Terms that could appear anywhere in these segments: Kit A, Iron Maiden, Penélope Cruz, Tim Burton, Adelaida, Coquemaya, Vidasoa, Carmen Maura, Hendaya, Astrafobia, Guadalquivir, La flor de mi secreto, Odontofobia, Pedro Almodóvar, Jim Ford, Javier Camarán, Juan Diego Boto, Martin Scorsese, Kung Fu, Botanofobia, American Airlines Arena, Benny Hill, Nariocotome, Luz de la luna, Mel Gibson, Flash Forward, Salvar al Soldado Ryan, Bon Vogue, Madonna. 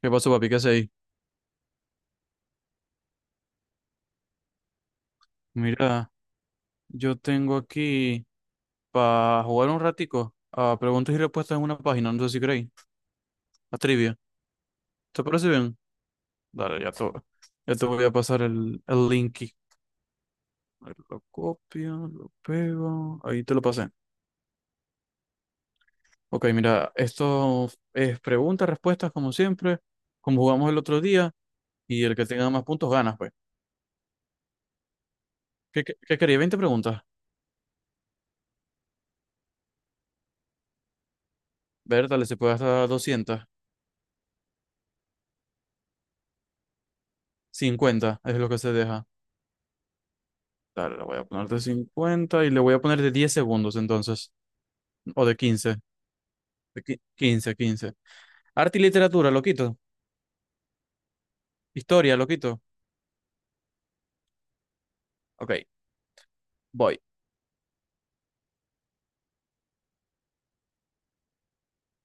¿Qué pasó, papi? ¿Qué hacéis? Mira, yo tengo aquí para jugar un ratico a preguntas y respuestas en una página, no sé si creéis, a trivia. ¿Te parece bien? Dale, ya te, ya te voy a pasar el link aquí. A ver, lo copio, lo pego, ahí te lo pasé. Ok, mira, esto es preguntas, respuestas, como siempre, como jugamos el otro día, y el que tenga más puntos ganas, pues. ¿Qué quería, 20 preguntas? Ver, dale, se puede hasta 250 es lo que se deja. Dale, le voy a poner de 50 y le voy a poner de 10 segundos entonces. O de 15. 15, 15. Arte y literatura, lo quito. Historia, lo quito. Ok, voy.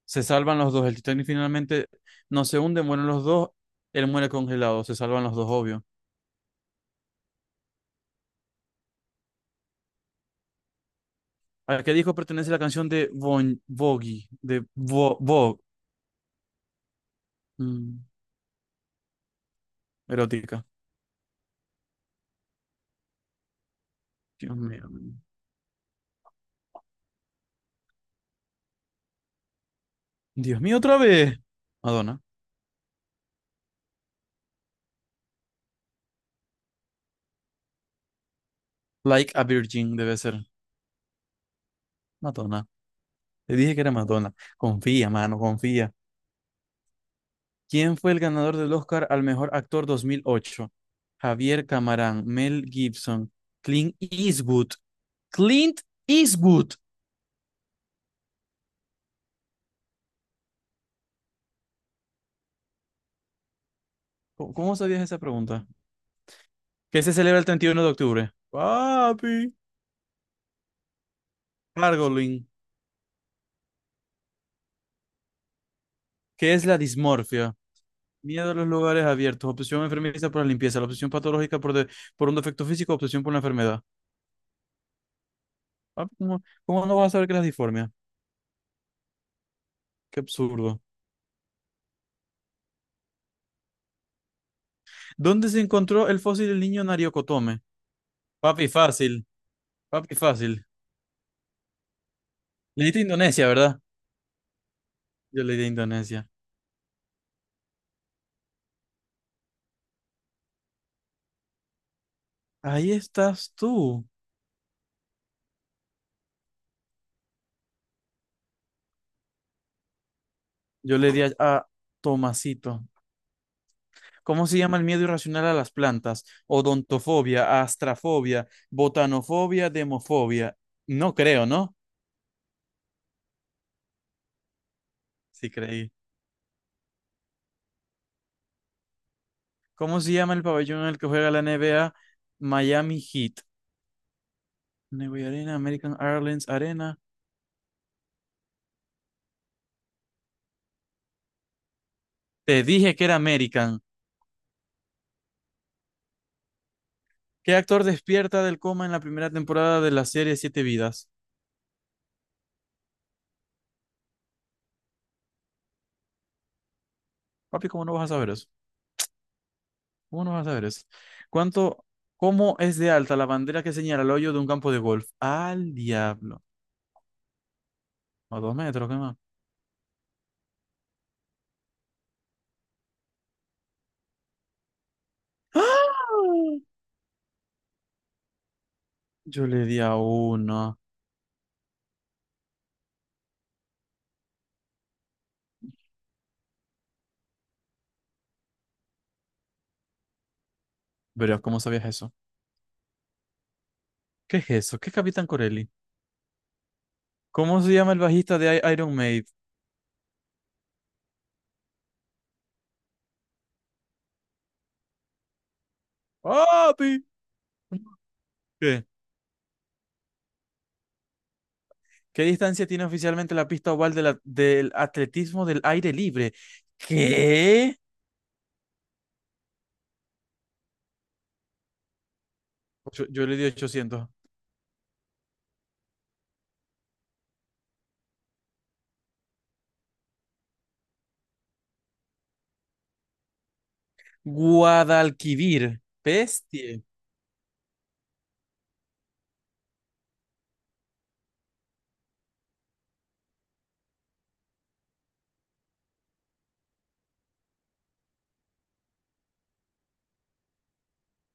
Se salvan los dos. El Titanic finalmente no se hunde, mueren los dos. Él muere congelado. Se salvan los dos, obvio. ¿A qué disco pertenece la canción de Bon Vogue? De Bo, Bo- mm, erótica. Dios mío. Dios mío, otra vez. Madonna. Like a Virgin debe ser. Madonna. Te dije que era Madonna. Confía, mano, confía. ¿Quién fue el ganador del Oscar al mejor actor 2008? Javier Camarán, Mel Gibson, Clint Eastwood. Clint Eastwood. ¿Cómo sabías esa pregunta? ¿Qué se celebra el 31 de octubre? Papi. Gargling. ¿Qué es la dismorfia? Miedo a los lugares abiertos. Obsesión enfermiza por la limpieza. La obsesión patológica por un defecto físico. Obsesión por una enfermedad. Papi, ¿cómo no vas a saber qué es la disformia? Qué absurdo. ¿Dónde se encontró el fósil del niño Nariocotome? Papi, fácil. Papi, fácil. Le diste a Indonesia, ¿verdad? Yo le di a Indonesia. Ahí estás tú. Yo le di a Tomasito. ¿Cómo se llama el miedo irracional a las plantas? Odontofobia, astrafobia, botanofobia, demofobia. No creo, ¿no? Sí creí. ¿Cómo se llama el pabellón en el que juega la NBA? Miami Heat. Neway Arena, American Airlines Arena. Te dije que era American. ¿Qué actor despierta del coma en la primera temporada de la serie Siete Vidas? Papi, ¿cómo no vas a saber eso? ¿Cómo no vas a ver eso? ¿Cuánto, ¿cómo es de alta la bandera que señala el hoyo de un campo de golf? Al diablo. A 2 metros, ¿qué más? ¡Ah! Yo le di a uno. Verás, ¿cómo sabías eso? ¿Qué es eso? ¿Qué es Capitán Corelli? ¿Cómo se llama el bajista de Iron Maiden? ¡Papi! ¿Qué? ¿Qué distancia tiene oficialmente la pista oval de del atletismo del aire libre? ¿Qué? Yo le di 800. Guadalquivir. Bestia.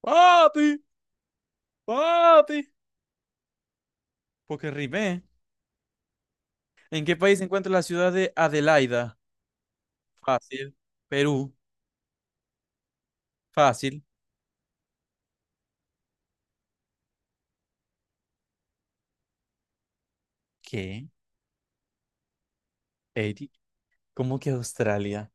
¡Papi! ¡Papi! Porque rimé. ¿En qué país se encuentra la ciudad de Adelaida? Fácil. Perú. Fácil. ¿Qué? Eddie. ¿Cómo que Australia?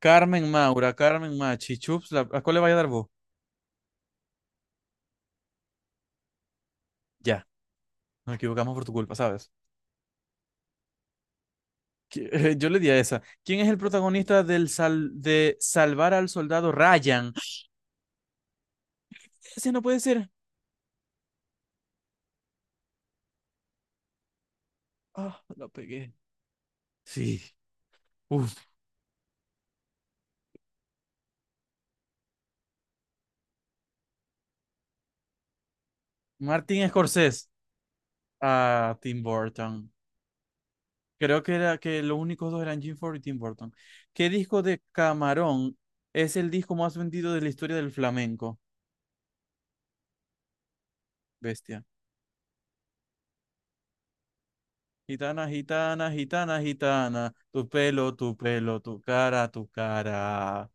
Carmen Maura, Carmen Machi, Chups, ¿a cuál le vaya a dar vos? Ya, nos equivocamos por tu culpa, ¿sabes? Que- Yo le di a esa. ¿Quién es el protagonista del sal de Salvar al Soldado Ryan? Ese no puede ser. Ah, la pegué. Sí. Uf. Martin Scorsese. Ah, Tim Burton. Creo que era que los únicos dos eran Jim Ford y Tim Burton. ¿Qué disco de Camarón es el disco más vendido de la historia del flamenco? Bestia. Gitana, gitana, gitana, gitana. Tu pelo, tu pelo, tu cara, tu cara.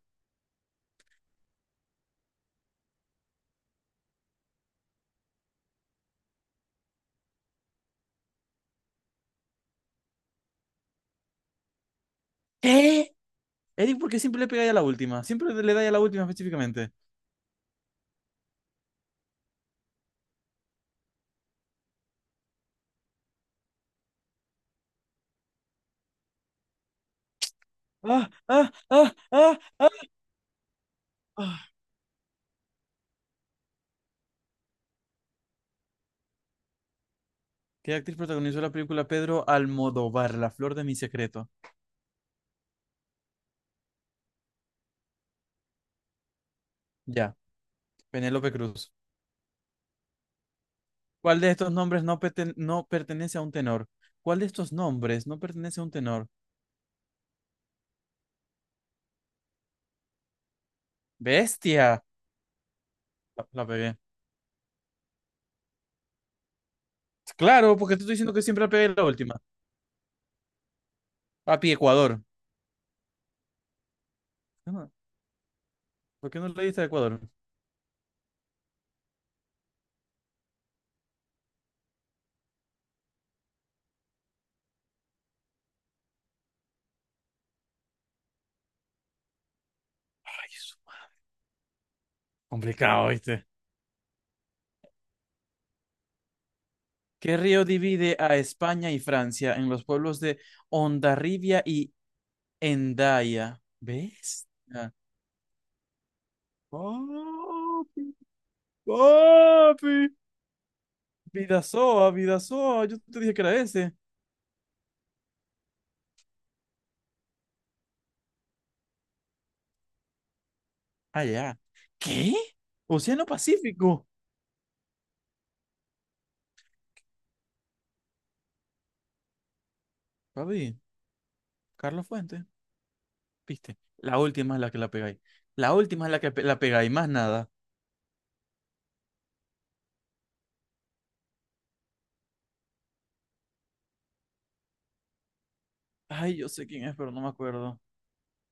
¿Qué? Eric, ¿por qué siempre le pegáis a la última? Siempre le da a la última específicamente. Ah, ah, ah, ah, ah. ¿Qué actriz protagonizó la película Pedro Almodóvar, La flor de mi secreto? Ya, Penélope Cruz. ¿Cuál de estos nombres no pertenece a un tenor? ¿Cuál de estos nombres no pertenece a un tenor? Bestia. La pegué. Claro, porque te estoy diciendo que siempre la pegué la última. Papi, Ecuador. Ah, ¿por qué no leíste a Ecuador? Ay, su madre. Complicado, ¿viste? ¿Qué río divide a España y Francia en los pueblos de Hondarribia y Hendaya? Bestia. Papi, papi. Vidasoa, Vidasoa. Yo te dije que era ese. Ah, ya. ¿Qué? Océano Pacífico. Papi, Carlos Fuentes, viste. La última es la que la pegáis. La última es la que la pegáis, más nada. Ay, yo sé quién es, pero no me acuerdo.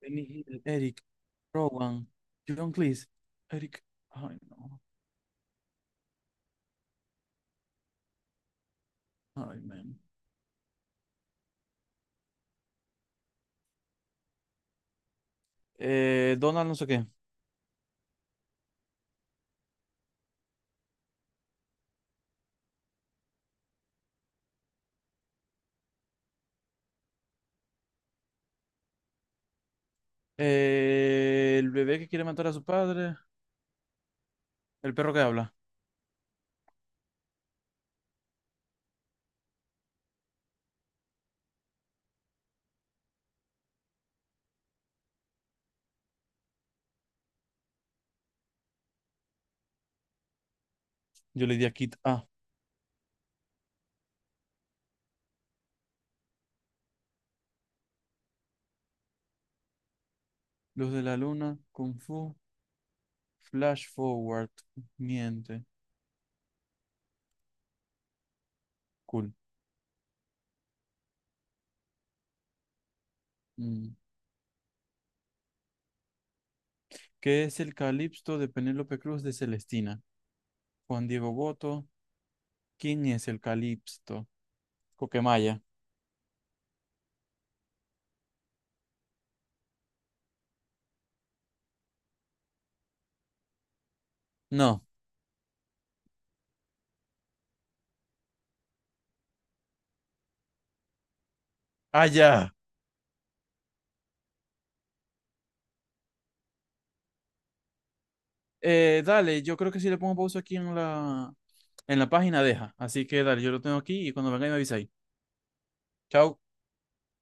Benny Hill, Eric, Rowan, John Cleese, Eric. Ay, no. Ay, man. Donald, no sé qué. El bebé que quiere matar a su padre. El perro que habla. Yo le di a Kit A. Luz de la luna, Kung Fu, Flash Forward. Miente. Cool. Mm. ¿Qué es el Calipso de Penélope Cruz de Celestina? Juan Diego Boto. ¿Quién es el Calipso? Coquemaya. No. Ah, ya. Dale, yo creo que si le pongo pausa aquí en en la página, deja. Así que dale, yo lo tengo aquí y cuando venga me avisáis. Chao.